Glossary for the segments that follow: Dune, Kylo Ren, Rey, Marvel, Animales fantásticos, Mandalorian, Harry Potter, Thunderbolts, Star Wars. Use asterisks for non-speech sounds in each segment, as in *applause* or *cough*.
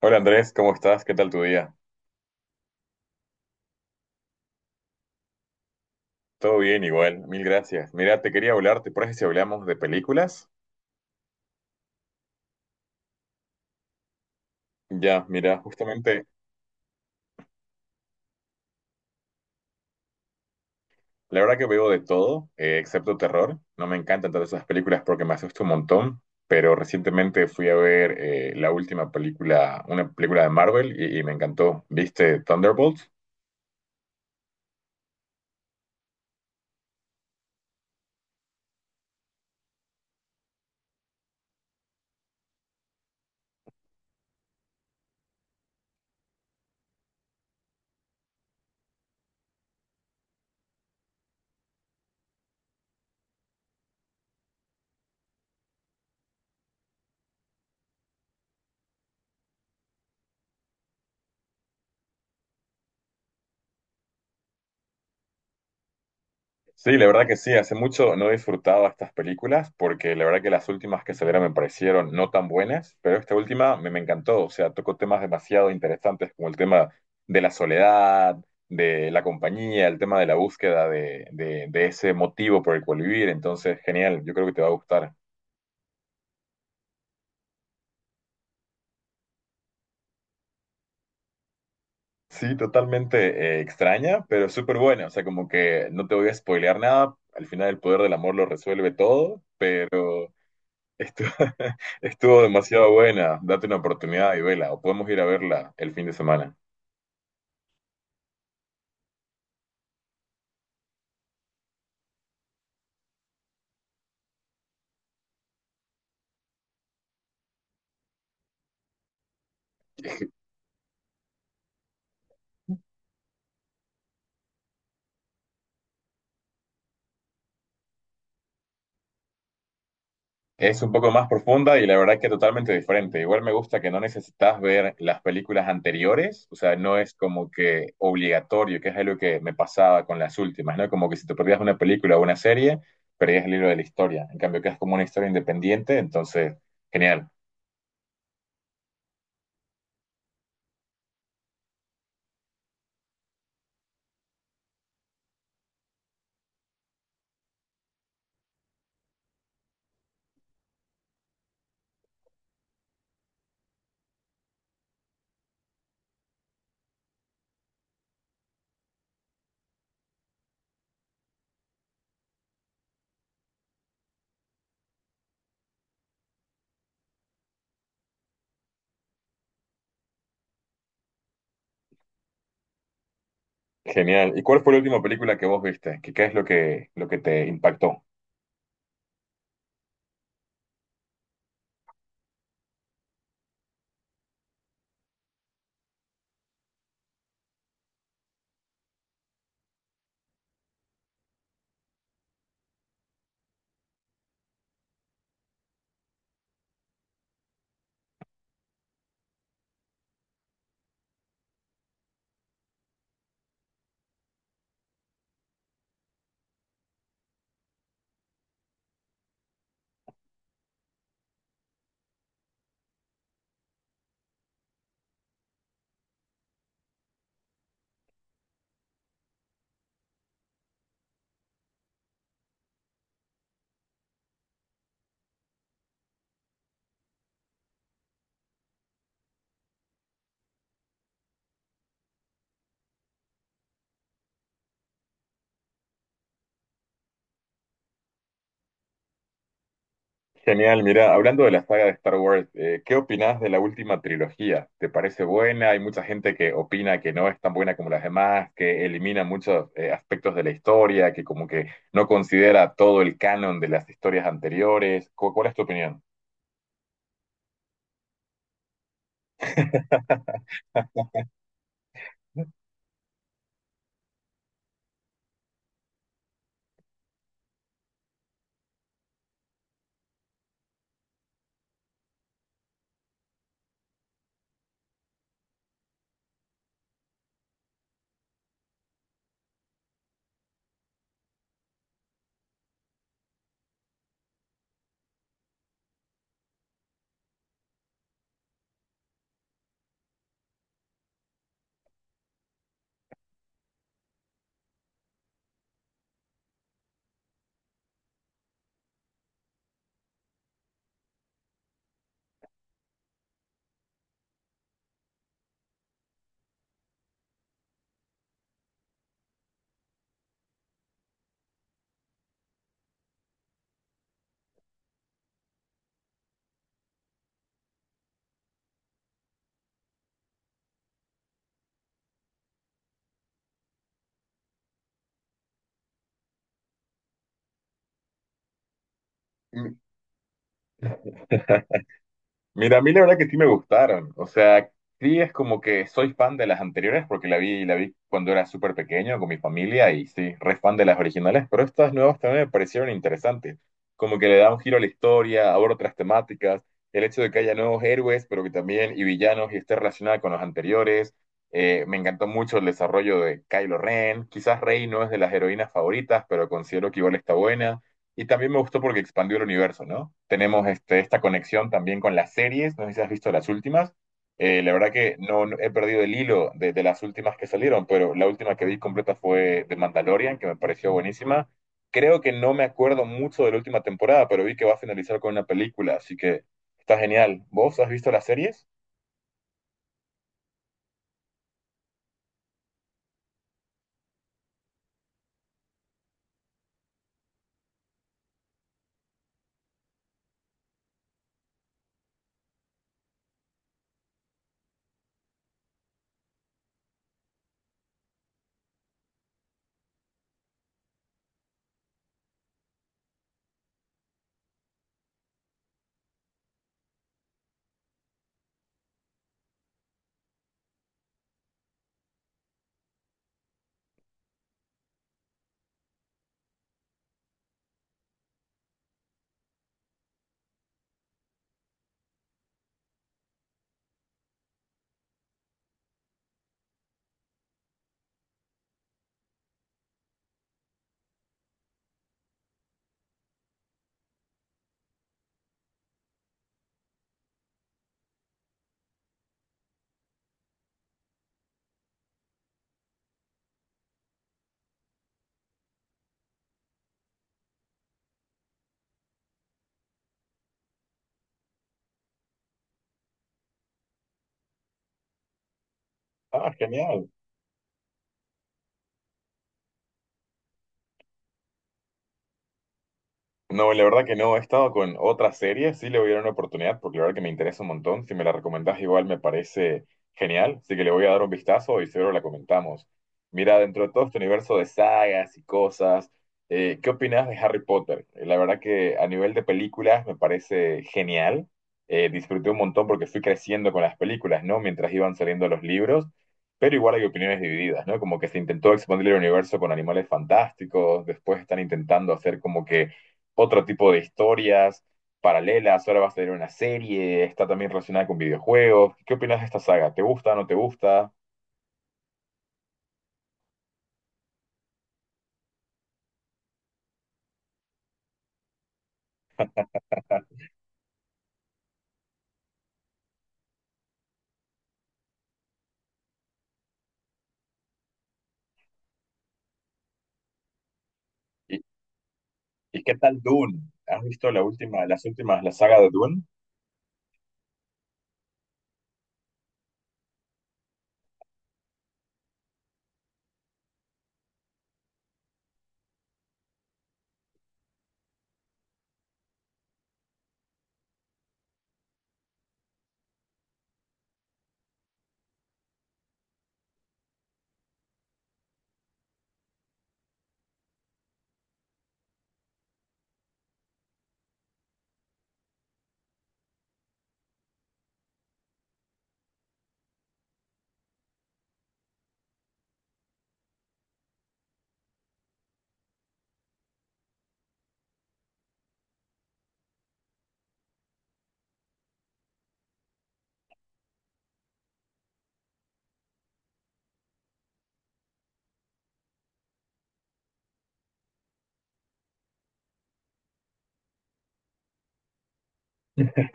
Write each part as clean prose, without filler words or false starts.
Hola Andrés, ¿cómo estás? ¿Qué tal tu día? Todo bien, igual, mil gracias. Mira, te quería hablar, ¿te parece si hablamos de películas? Ya, mira, justamente, la verdad que veo de todo, excepto terror. No me encantan todas esas películas porque me asusta un montón, pero recientemente fui a ver la última película, una película de Marvel y me encantó. ¿Viste Thunderbolts? Sí, la verdad que sí, hace mucho no he disfrutado estas películas porque la verdad que las últimas que salieron me parecieron no tan buenas, pero esta última me encantó, o sea, tocó temas demasiado interesantes como el tema de la soledad, de la compañía, el tema de la búsqueda de ese motivo por el cual vivir, entonces genial, yo creo que te va a gustar. Sí, totalmente extraña, pero súper buena, o sea, como que no te voy a spoilear nada, al final el poder del amor lo resuelve todo, pero... Estuvo, *laughs* estuvo demasiado buena, date una oportunidad y vela, o podemos ir a verla el fin de semana. Es un poco más profunda y la verdad que totalmente diferente. Igual me gusta que no necesitas ver las películas anteriores, o sea, no es como que obligatorio, que es algo que me pasaba con las últimas, ¿no? Como que si te perdías una película o una serie, perdías el libro de la historia. En cambio, que es como una historia independiente, entonces, genial, genial. ¿Y cuál fue la última película que vos viste? ¿Qué, qué es lo que te impactó? Genial, mira, hablando de la saga de Star Wars, ¿qué opinás de la última trilogía? ¿Te parece buena? Hay mucha gente que opina que no es tan buena como las demás, que elimina muchos aspectos de la historia, que como que no considera todo el canon de las historias anteriores. ¿Cuál es tu opinión? *laughs* Mira, a mí la verdad que sí me gustaron. O sea, sí es como que soy fan de las anteriores porque la vi cuando era súper pequeño con mi familia y sí, re fan de las originales, pero estas nuevas también me parecieron interesantes. Como que le da un giro a la historia, aborda otras temáticas, el hecho de que haya nuevos héroes, pero que también y villanos y esté relacionada con los anteriores. Me encantó mucho el desarrollo de Kylo Ren. Quizás Rey no es de las heroínas favoritas, pero considero que igual está buena. Y también me gustó porque expandió el universo, ¿no? Tenemos esta conexión también con las series, no sé si has visto las últimas. La verdad que no, he perdido el hilo de las últimas que salieron, pero la última que vi completa fue de Mandalorian, que me pareció buenísima. Creo que no me acuerdo mucho de la última temporada, pero vi que va a finalizar con una película, así que está genial. ¿Vos has visto las series? Ah, genial. No, la verdad que no, he estado con otra serie, sí le voy a dar una oportunidad porque la verdad que me interesa un montón, si me la recomendás igual me parece genial, así que le voy a dar un vistazo y seguro la comentamos. Mira, dentro de todo este universo de sagas y cosas, ¿qué opinás de Harry Potter? La verdad que a nivel de películas me parece genial, disfruté un montón porque fui creciendo con las películas, ¿no? Mientras iban saliendo los libros, pero igual hay opiniones divididas, ¿no? Como que se intentó expandir el universo con animales fantásticos, después están intentando hacer como que otro tipo de historias paralelas, ahora va a salir una serie, está también relacionada con videojuegos. ¿Qué opinas de esta saga? ¿Te gusta, no te gusta? ¿Y, y qué tal Dune? ¿Has visto la última, las últimas, la saga de Dune?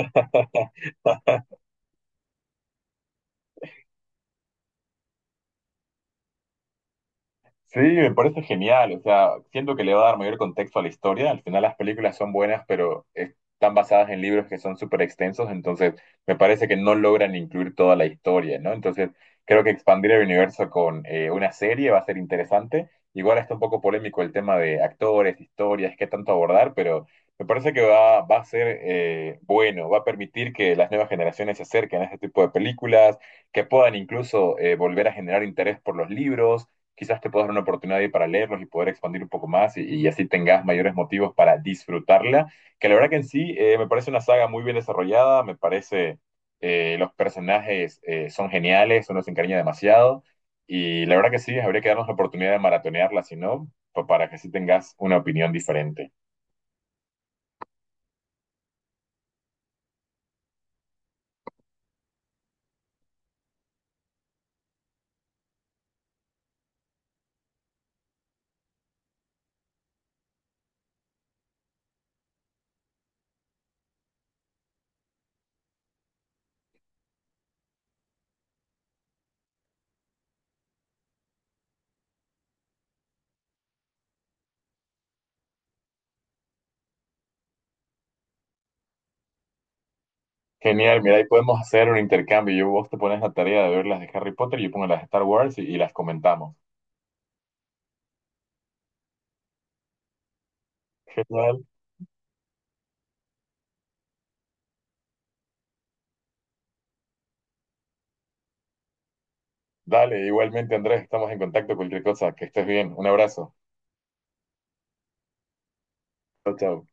*laughs* Sí, me parece genial. O sea, siento que le va a dar mayor contexto a la historia. Al final las películas son buenas, pero están basadas en libros que son súper extensos, entonces me parece que no logran incluir toda la historia, ¿no? Entonces creo que expandir el universo con una serie va a ser interesante. Igual está un poco polémico el tema de actores, historias, qué tanto abordar, pero me parece que va a ser bueno, va a permitir que las nuevas generaciones se acerquen a este tipo de películas, que puedan incluso volver a generar interés por los libros quizás te puedas dar una oportunidad ahí para leerlos y poder expandir un poco más y así tengas mayores motivos para disfrutarla, que la verdad que en sí me parece una saga muy bien desarrollada, me parece los personajes son geniales, uno se encariña demasiado y la verdad que sí, habría que darnos la oportunidad de maratonearla, si no, para que sí tengas una opinión diferente. Genial, mira, ahí podemos hacer un intercambio. Yo, vos te pones la tarea de ver las de Harry Potter, yo pongo las de Star Wars y las comentamos. Genial. Dale, igualmente Andrés, estamos en contacto, cualquier cosa, que estés bien, un abrazo, chao, chao.